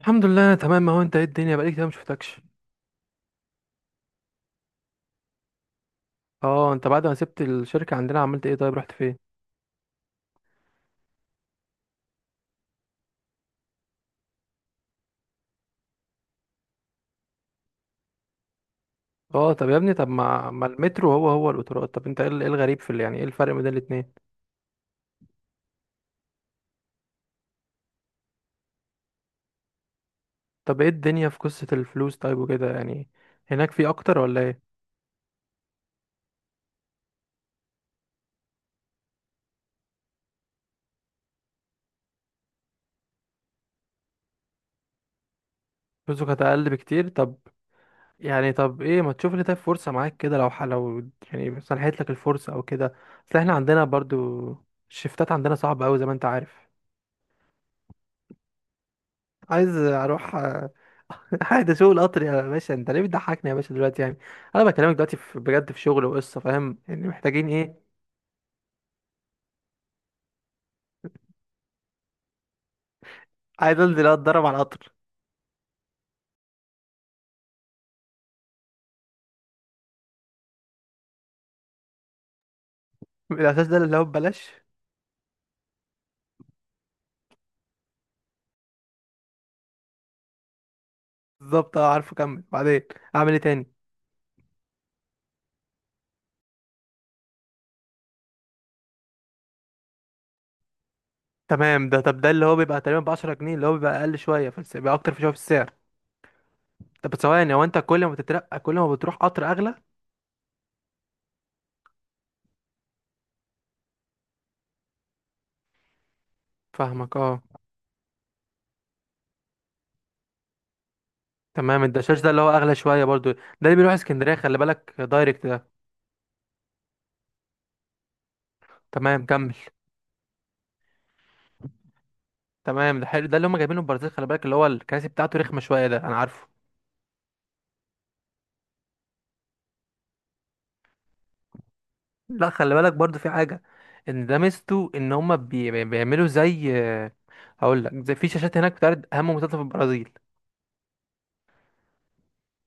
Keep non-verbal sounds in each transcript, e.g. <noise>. الحمد لله انا تمام، اهو انت ايه الدنيا؟ بقالي كتير ما شفتكش. اه، انت بعد ما سبت الشركه عندنا عملت ايه؟ طيب رحت فين؟ اه طب يا ابني، طب ما المترو هو القطارات؟ طب انت ايه إيه الغريب في يعني ايه الفرق بين الاتنين؟ طب ايه الدنيا في قصه الفلوس طيب وكده يعني؟ هناك في اكتر ولا ايه؟ فلوسه كانت اقل بكتير طب، يعني طب ايه، ما تشوف لي طيب فرصه معاك كده، لو لو يعني سنحت لك الفرصه او كده. اصل احنا عندنا برضو، الشفتات عندنا صعبه قوي زي ما انت عارف. عايز اروح، آه. <laughs> عايز اشوف القطر يا باشا، انت ليه بتضحكني يا باشا دلوقتي يعني؟ انا بكلمك دلوقتي في بجد، في شغل وقصه، فاهم يعني محتاجين ايه. عايز انزل اتدرب على القطر. الاساس ده اللي هو ببلاش. بالظبط، اه عارفه، كمل بعدين، اعمل ايه تاني؟ تمام، ده طب ده اللي هو بيبقى تقريبا ب 10 جنيه، اللي هو بيبقى اقل شويه، فبيبقى اكتر في شويه في السعر. طب بس ثواني، هو انت كل ما تترقى كل ما بتروح قطر اغلى؟ فاهمك اه. تمام، الدشاش ده اللي هو اغلى شويه برضو، ده اللي بيروح اسكندريه، خلي بالك دايركت ده. تمام كمل. تمام ده حلو، ده اللي هم جايبينه من البرازيل، خلي بالك اللي هو الكراسي بتاعته رخمه شويه، ده انا عارفه. لا خلي بالك برضو في حاجه، ان ده ميزته ان هم بيعملوا زي، هقول لك زي في شاشات هناك بتعرض اهم منتجات في البرازيل.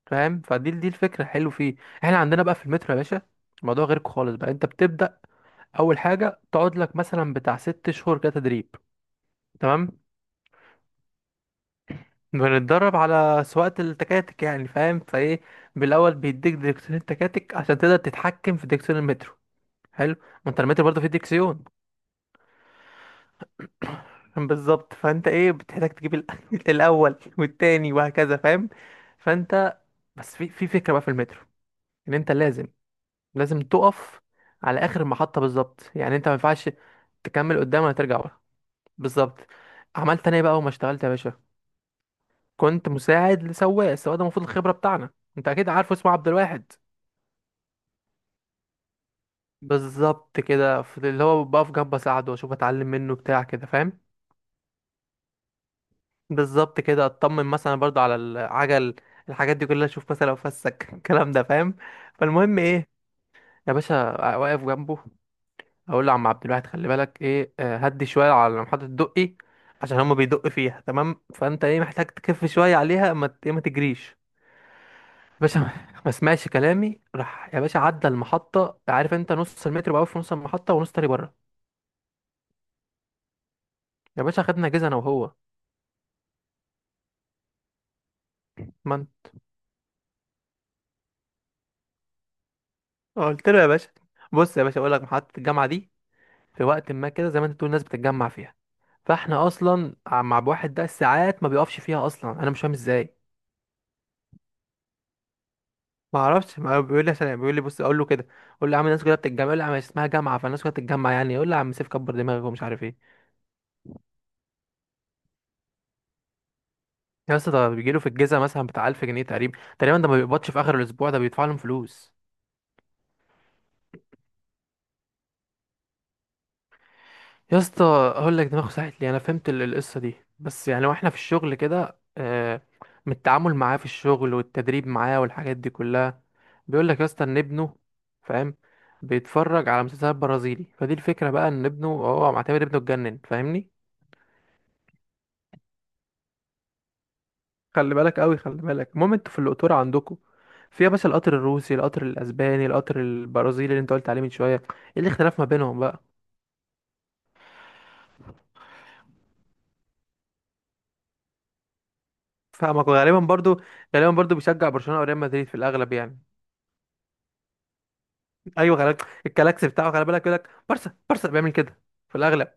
فاهم؟ فدي الفكره حلو فيه. احنا عندنا بقى في المترو يا باشا، الموضوع غيرك خالص بقى. انت بتبدا اول حاجه تقعد لك مثلا بتاع ست شهور كده تدريب. تمام. بنتدرب على سواقه التكاتك يعني، فاهم فايه. بالاول بيديك ديركسيون التكاتك عشان تقدر تتحكم في ديركسيون المترو. حلو، ما انت رميت برضه في الدكسيون. <coughs> بالظبط، فانت ايه بتحتاج تجيب <laughs> الاول والتاني وهكذا فاهم. فانت بس في فكره بقى في المترو، ان انت لازم، لازم تقف على اخر المحطه بالظبط. يعني انت ما ينفعش تكمل قدام ولا ترجع ورا. بالظبط. عملت انا ايه بقى وما اشتغلت يا باشا؟ كنت مساعد لسواق، السواق ده المفروض الخبره بتاعنا، انت اكيد عارفه، اسمه عبد الواحد. بالظبط كده، في اللي هو بقف جنبه اساعده واشوف اتعلم منه بتاع كده فاهم. بالظبط كده، اطمن مثلا برضو على العجل، الحاجات دي كلها، اشوف مثلا لو فسك <laughs> الكلام ده فاهم. فالمهم ايه، يا باشا واقف جنبه، اقول له: عم عبد الواحد خلي بالك ايه، آه، هدي شويه على محطه الدقي، عشان هما بيدق فيها تمام، فانت ايه محتاج تكف شويه عليها، ما ت- إيه، ما تجريش يا باشا. ما سمعش كلامي، راح يا باشا عدى المحطه، عارف انت نص المتر بقى في نص المحطه ونص تاني بره. يا باشا، خدنا جيزه انا وهو. من، قلت له يا باشا، بص يا باشا اقول لك محطه الجامعه دي، في وقت ما كده زي ما انت بتقول الناس بتتجمع فيها، فاحنا اصلا مع واحد ده ساعات ما بيقفش فيها اصلا، انا مش فاهم ازاي. ما اعرفش، ما هو بيقول لي، عشان بيقول لي بص، اقول له كده، اقول له: يا عم الناس كلها بتتجمع، يقول لي: يا عم اسمها جامعه فالناس كلها بتتجمع يعني، يقول لي: يا عم سيف كبر دماغك ومش عارف ايه. يا اسطى، ده بيجي له في الجيزه مثلا بتاع 1000 جنيه تقريبا تقريبا، ده ما بيقبضش في اخر الاسبوع ده، بيدفع لهم فلوس. يا اسطى، اقول لك دماغي ساحت لي، انا فهمت القصه دي بس، يعني واحنا في الشغل كده آه، من التعامل معاه في الشغل والتدريب معاه والحاجات دي كلها، بيقول لك يا اسطى ان ابنه، فاهم، بيتفرج على مسلسلات برازيلي، فدي الفكره بقى، ان ابنه هو معتبر ابنه اتجنن فاهمني. خلي بالك قوي خلي بالك. المهم انتوا في القطوره عندكم فيها بس القطر الروسي، القطر الاسباني، القطر البرازيلي اللي انت قلت عليه من شويه، ايه الاختلاف ما بينهم بقى؟ فاهمك، وغالبا برضو، غالبا برضو بيشجع برشلونه او ريال مدريد في الاغلب يعني. ايوه خلي بالك، الكلاكس بتاعه خلي بالك يقول لك بارسا بارسا، بيعمل كده في الاغلب.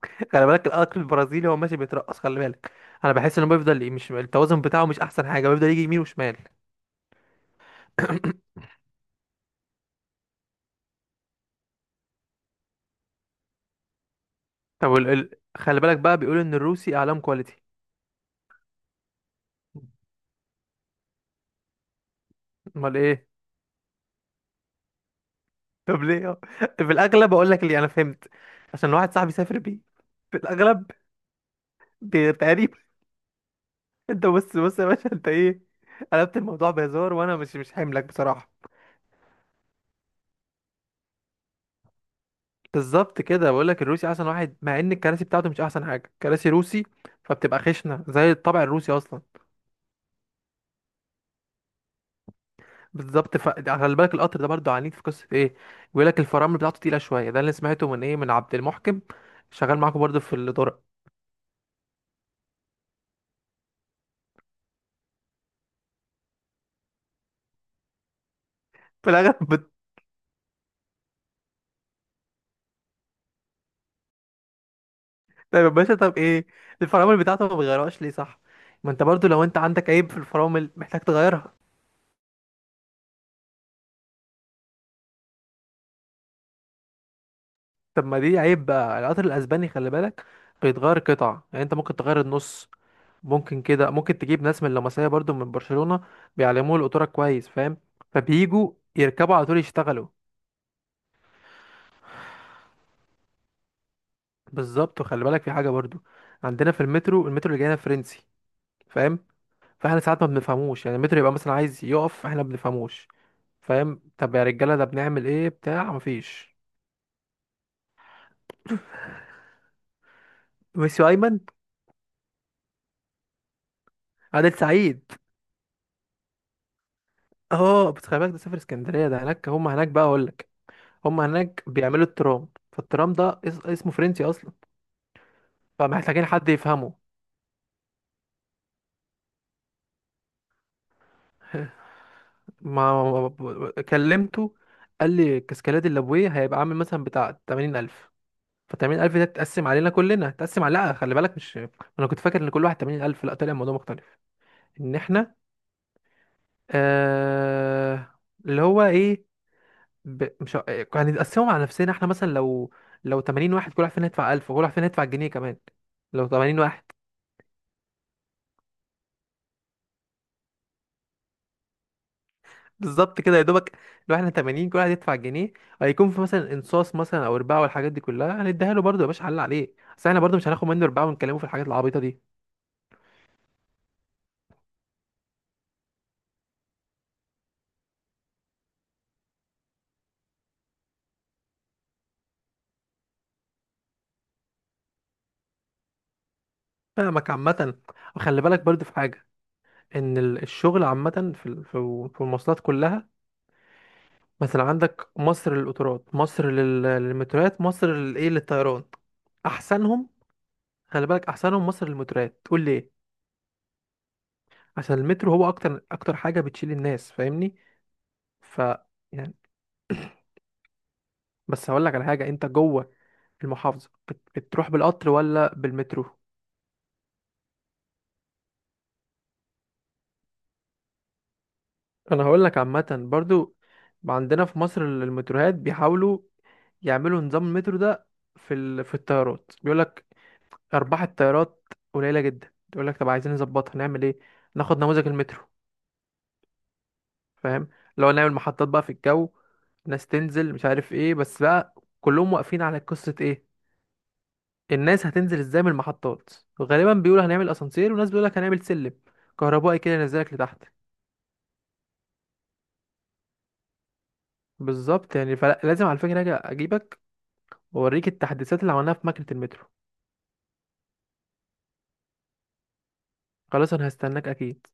<laughs> خلي بالك الاكل البرازيلي، هو ماشي بيترقص خلي بالك، انا بحس انه بيفضل مش التوازن بتاعه مش احسن حاجه، بيفضل يجي يمين وشمال. <coughs> طب خلي بالك بقى بيقولوا ان الروسي اعلام كواليتي. امال ايه؟ طب ليه؟ <laughs> في الاغلب اقول لك اللي انا فهمت، عشان واحد صاحبي سافر بيه، في الاغلب، تقريبا. <laughs> انت بص يا باشا، انت ايه قلبت الموضوع بهزار، وانا مش مش حاملك بصراحه. بالظبط كده، بقول لك الروسي احسن واحد، مع ان الكراسي بتاعته مش احسن حاجه، كراسي روسي فبتبقى خشنه زي الطابع الروسي اصلا. بالظبط، ف خلي بالك القطر ده برضو عنيد في قصه ايه، بيقول لك الفرامل بتاعته تقيله شويه، ده اللي سمعته من ايه، من عبد المحكم، شغال معاكم برضو في الطرق. في الاغلب <laughs> طيب يا باشا، طب ايه الفرامل بتاعته ما بيغيرهاش ليه؟ صح، ما انت برضو لو انت عندك عيب في الفرامل محتاج تغيرها. طب ما دي عيب بقى، القطر الاسباني خلي بالك بيتغير قطع، يعني انت ممكن تغير النص، ممكن كده، ممكن تجيب ناس من اللمسيه برضو من برشلونة، بيعلموه القطوره كويس فاهم، فبييجوا يركبوا على طول يشتغلوا. بالظبط، وخلي بالك في حاجه برضو، عندنا في المترو، المترو اللي جاينا فرنسي فاهم، فاحنا ساعات ما بنفهموش، يعني المترو يبقى مثلا عايز يقف احنا ما بنفهموش فاهم، طب يا رجاله ده بنعمل ايه بتاع مفيش. ميسيو ايمن. عادل سعيد. اه بس خلي بالك ده سافر اسكندريه، ده هناك هم، هناك بقى اقول لك، هم هناك بيعملوا الترام، فالترام ده اسمه فرنسي اصلا، فمحتاجين حد يفهمه. <laughs> ما كلمته، قال لي الكاسكالات الليبويه هيبقى عامل مثلا بتاع 80000. ف 80000 ده تتقسم علينا كلنا، تتقسم على، لا خلي بالك مش، انا كنت فاكر ان كل واحد 80000، لا طلع الموضوع مختلف. ان احنا، آه... اللي هو ايه، ب... مش ه- إيه، هنتقسمهم على نفسنا احنا مثلا، لو 80 واحد كل واحد فينا يدفع 1000 وكل واحد فينا يدفع جنيه كمان، لو 80 واحد. بالظبط كده يا دوبك، لو احنا 80 كل واحد يدفع جنيه، هيكون في مثلا انصاص مثلا او رباعه والحاجات دي كلها هنديها له برضه يا باشا، حل عليه بس احنا برضه مش هناخد منه رباعه ونكلمه في الحاجات العبيطه دي. فاهمك عامه، وخلي بالك برضه في حاجه، ان الشغل عامه في في المواصلات كلها، مثلا عندك مصر للقطارات، مصر للمتروات، مصر للايه، للطيران. احسنهم، خلي بالك احسنهم مصر للمتروات. تقول ليه؟ عشان المترو هو اكتر، اكتر حاجه بتشيل الناس فاهمني. ف يعني، بس هقول لك على حاجة، انت جوه المحافظة بتروح بالقطر ولا بالمترو؟ انا هقول لك عامة برضو، عندنا في مصر المتروهات بيحاولوا يعملوا نظام المترو ده في في الطيارات، بيقول لك ارباح الطيارات قليلة جدا، يقول لك طب عايزين نظبطها نعمل ايه؟ ناخد نموذج المترو. فاهم، لو نعمل محطات بقى في الجو، ناس تنزل مش عارف ايه بس بقى، كلهم واقفين على قصة ايه، الناس هتنزل ازاي من المحطات. غالبا بيقولوا هنعمل اسانسير، وناس بيقولوا لك هنعمل سلم كهربائي كده ينزلك لتحت. بالظبط، يعني فلازم على فكرة اجي اجيبك واوريك التحديثات اللي عملناها في ماكينة المترو. خلاص انا هستناك اكيد.